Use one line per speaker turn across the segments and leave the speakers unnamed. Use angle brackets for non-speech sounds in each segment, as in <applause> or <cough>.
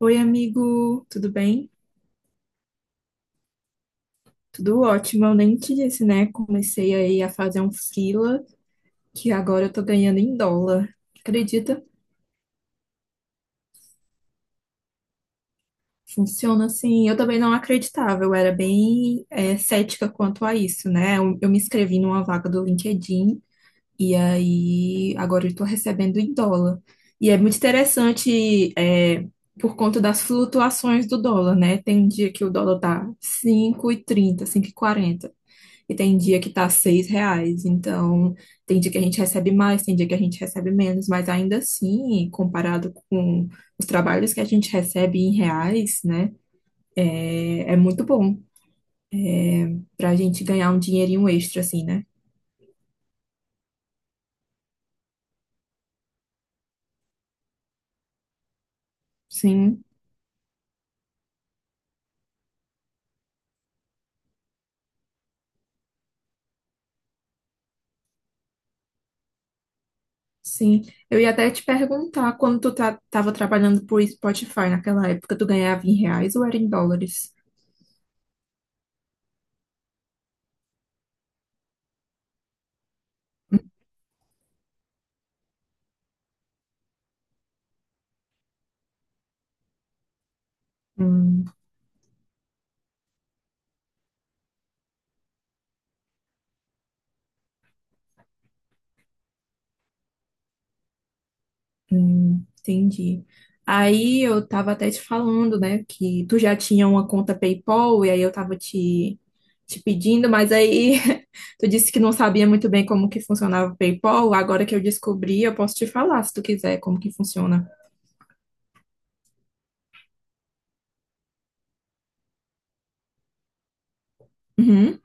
Oi, amigo, tudo bem? Tudo ótimo. Eu nem te disse, né? Comecei aí a fazer um freela que agora eu tô ganhando em dólar. Acredita? Funciona assim. Eu também não acreditava, eu era bem cética quanto a isso, né? Eu me inscrevi numa vaga do LinkedIn e aí agora eu tô recebendo em dólar. E é muito interessante, por conta das flutuações do dólar, né? Tem dia que o dólar tá 5,30, 5,40. E tem dia que tá 6 reais. Então, tem dia que a gente recebe mais, tem dia que a gente recebe menos, mas ainda assim, comparado com os trabalhos que a gente recebe em reais, né, é muito bom pra gente ganhar um dinheirinho extra, assim, né? Sim, sim. Eu ia até te perguntar, quando tu tava trabalhando por Spotify naquela época, tu ganhava em reais ou era em dólares? Entendi. Aí eu tava até te falando, né, que tu já tinha uma conta PayPal e aí eu tava te pedindo, mas aí <laughs> tu disse que não sabia muito bem como que funcionava o PayPal. Agora que eu descobri, eu posso te falar, se tu quiser, como que funciona. Uhum.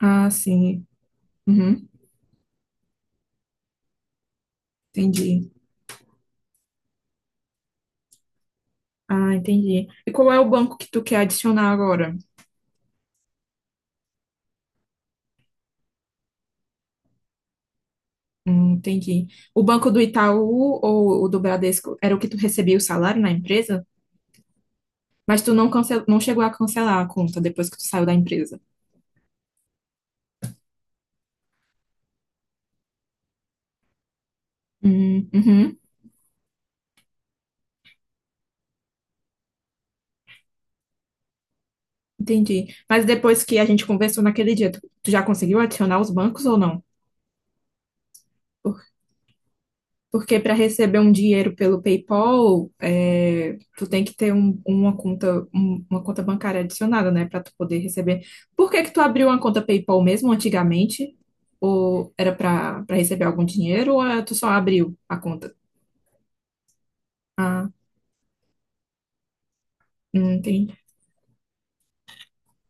Ah, sim. Uhum. Entendi. Ah, entendi. E qual é o banco que tu quer adicionar agora? Entendi. O banco do Itaú ou o do Bradesco era o que tu recebia o salário na empresa? Mas tu não, não chegou a cancelar a conta depois que tu saiu da empresa. Uhum, entendi. Mas depois que a gente conversou naquele dia, tu já conseguiu adicionar os bancos ou não? Por- Porque para receber um dinheiro pelo PayPal, tu tem que ter uma conta, uma conta bancária adicionada, né, para tu poder receber. Por que que tu abriu uma conta PayPal mesmo antigamente? Ou era para receber algum dinheiro ou tu só abriu a conta? Ah, entendi.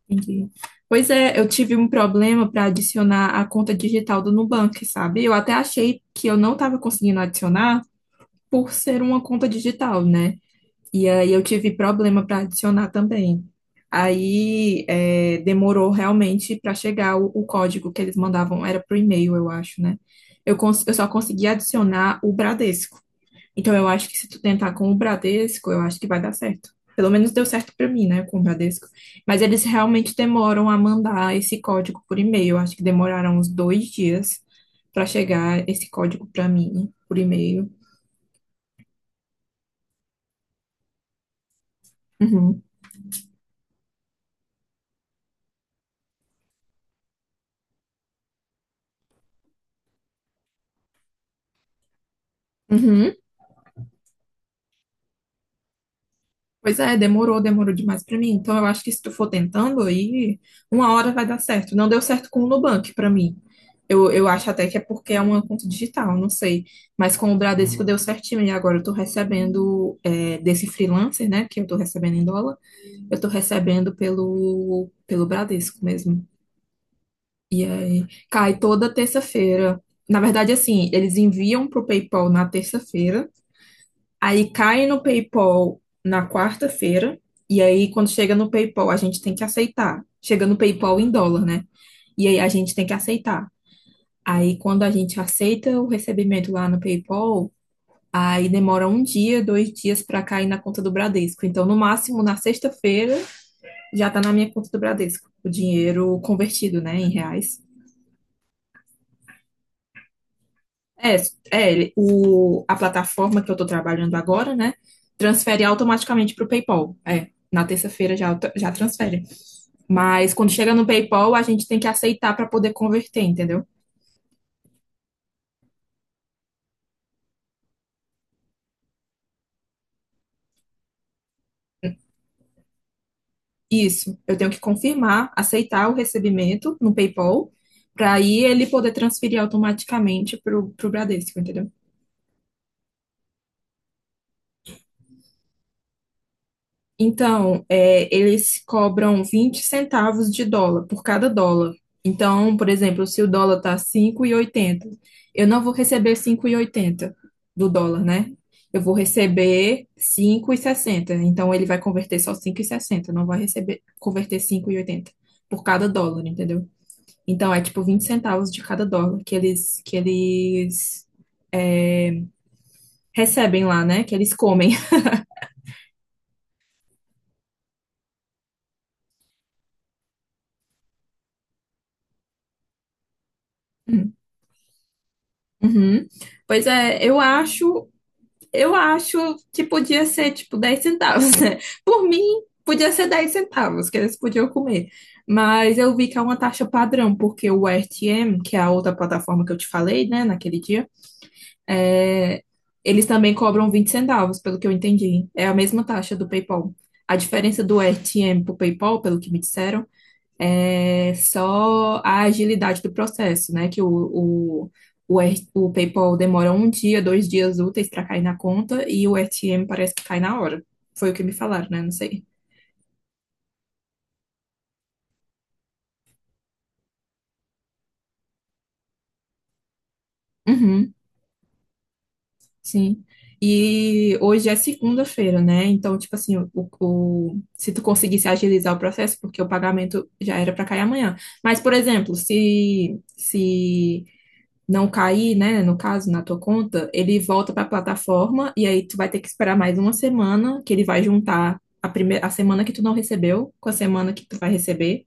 Entendi. Pois é, eu tive um problema para adicionar a conta digital do Nubank, sabe? Eu até achei que eu não estava conseguindo adicionar por ser uma conta digital, né? E aí eu tive problema para adicionar também. Aí demorou realmente para chegar o código que eles mandavam, era pro e-mail, eu acho, né? Eu só consegui adicionar o Bradesco. Então eu acho que se tu tentar com o Bradesco, eu acho que vai dar certo. Pelo menos deu certo pra mim, né, com o Bradesco. Mas eles realmente demoram a mandar esse código por e-mail. Eu acho que demoraram uns 2 dias pra chegar esse código pra mim por e-mail. Uhum. Uhum. Pois é, demorou, demorou demais para mim. Então eu acho que se tu for tentando aí, uma hora vai dar certo. Não deu certo com o Nubank para mim. Eu acho até que é porque é uma conta digital, não sei. Mas com o Bradesco deu certinho. E agora eu tô recebendo desse freelancer, né? Que eu tô recebendo em dólar, eu tô recebendo pelo Bradesco mesmo. E aí cai toda terça-feira. Na verdade, assim, eles enviam pro PayPal na terça-feira. Aí cai no PayPal na quarta-feira, e aí quando chega no PayPal, a gente tem que aceitar. Chega no PayPal em dólar, né? E aí a gente tem que aceitar. Aí quando a gente aceita o recebimento lá no PayPal, aí demora um dia, 2 dias para cair na conta do Bradesco. Então, no máximo, na sexta-feira, já tá na minha conta do Bradesco, o dinheiro convertido, né, em reais. É, a plataforma que eu estou trabalhando agora, né? Transfere automaticamente para o PayPal. É, na terça-feira já transfere. Mas quando chega no PayPal, a gente tem que aceitar para poder converter, entendeu? Isso. Eu tenho que confirmar, aceitar o recebimento no PayPal, para aí ele poder transferir automaticamente para o Bradesco, entendeu? Então, eles cobram 20 centavos de dólar por cada dólar. Então, por exemplo, se o dólar tá 5,80, eu não vou receber 5,80 do dólar, né? Eu vou receber 5,60. Então, ele vai converter só 5,60, não vai receber converter 5,80 por cada dólar, entendeu? Então, é tipo 20 centavos de cada dólar que eles é, recebem lá, né? Que eles comem. <laughs> Uhum. Pois é, eu acho que podia ser tipo 10 centavos, né? Por mim, podia ser 10 centavos que eles podiam comer. Mas eu vi que é uma taxa padrão, porque o RTM, que é a outra plataforma que eu te falei, né, naquele dia, é, eles também cobram 20 centavos, pelo que eu entendi. É a mesma taxa do PayPal. A diferença do RTM pro PayPal, pelo que me disseram, é só a agilidade do processo, né? Que o PayPal demora um dia, 2 dias úteis para cair na conta e o RTM parece que cai na hora. Foi o que me falaram, né? Não sei. Uhum, sim. E hoje é segunda-feira, né? Então, tipo assim, se tu conseguisse agilizar o processo, porque o pagamento já era para cair amanhã. Mas, por exemplo, se não cair, né, no caso, na tua conta, ele volta para a plataforma e aí tu vai ter que esperar mais uma semana que ele vai juntar a primeira, a semana que tu não recebeu com a semana que tu vai receber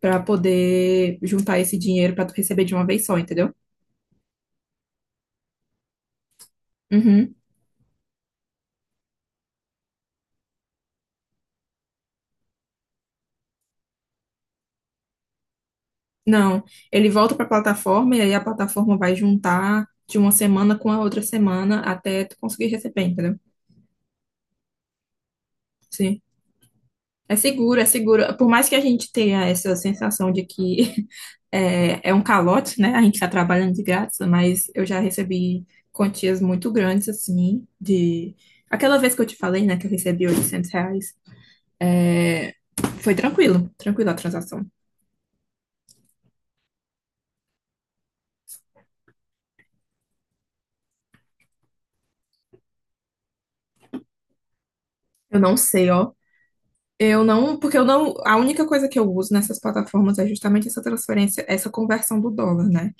para poder juntar esse dinheiro para tu receber de uma vez só, entendeu? Uhum. Não, ele volta para a plataforma e aí a plataforma vai juntar de uma semana com a outra semana até tu conseguir receber, entendeu? Sim. É seguro, é seguro. Por mais que a gente tenha essa sensação de que é um calote, né? A gente está trabalhando de graça, mas eu já recebi quantias muito grandes, assim, de... Aquela vez que eu te falei, né, que eu recebi 800 reais, é, foi tranquilo, tranquilo a transação. Eu não sei, ó. Eu não, porque eu não, a única coisa que eu uso nessas plataformas é justamente essa transferência, essa conversão do dólar, né?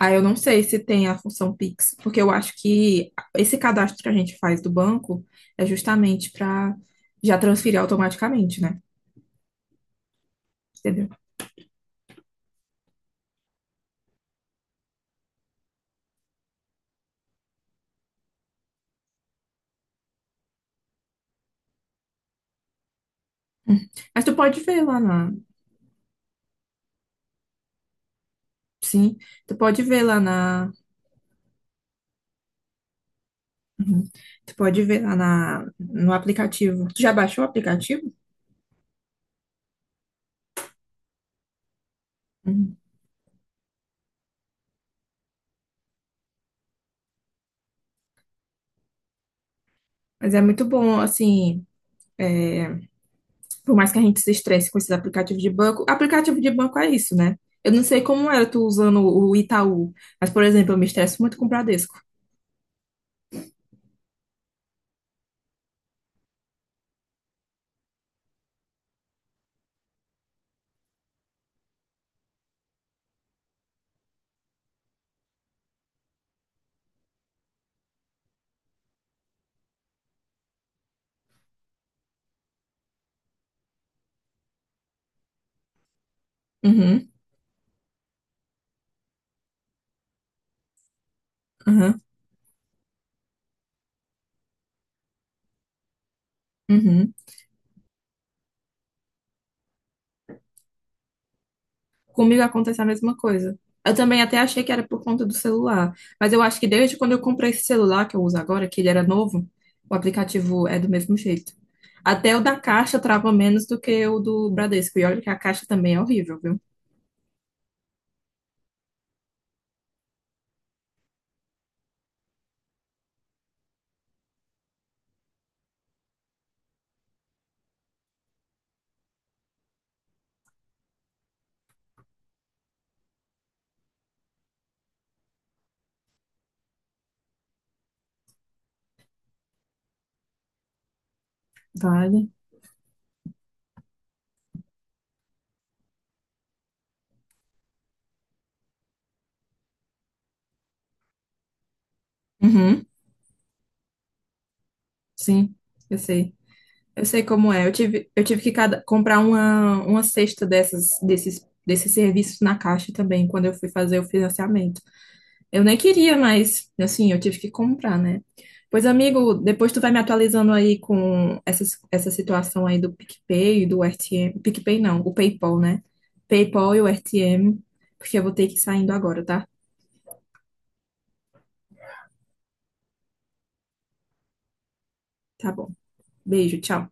Aí eu não sei se tem a função Pix, porque eu acho que esse cadastro que a gente faz do banco é justamente para já transferir automaticamente, né? Entendeu? Uhum. Mas tu pode ver lá na, sim, tu pode ver lá na, uhum. Tu pode ver lá no aplicativo. Tu já baixou o aplicativo? Uhum. Mas é muito bom, assim, é, por mais que a gente se estresse com esses aplicativos de banco, aplicativo de banco é isso, né? Eu não sei como era tu usando o Itaú, mas, por exemplo, eu me estresso muito com o Bradesco. Uhum, uhum, uhum. Comigo acontece a mesma coisa. Eu também até achei que era por conta do celular, mas eu acho que desde quando eu comprei esse celular que eu uso agora, que ele era novo, o aplicativo é do mesmo jeito. Até o da Caixa trava menos do que o do Bradesco. E olha que a Caixa também é horrível, viu? Vale. Uhum, sim, eu sei. Eu sei como é. Eu tive que comprar uma cesta desses serviços na Caixa também, quando eu fui fazer o financiamento. Eu nem queria, mas assim, eu tive que comprar, né? Pois, amigo, depois tu vai me atualizando aí com essa situação aí do PicPay e do RTM. PicPay não, o PayPal, né? PayPal e o RTM, porque eu vou ter que ir saindo agora, tá? Tá bom. Beijo, tchau.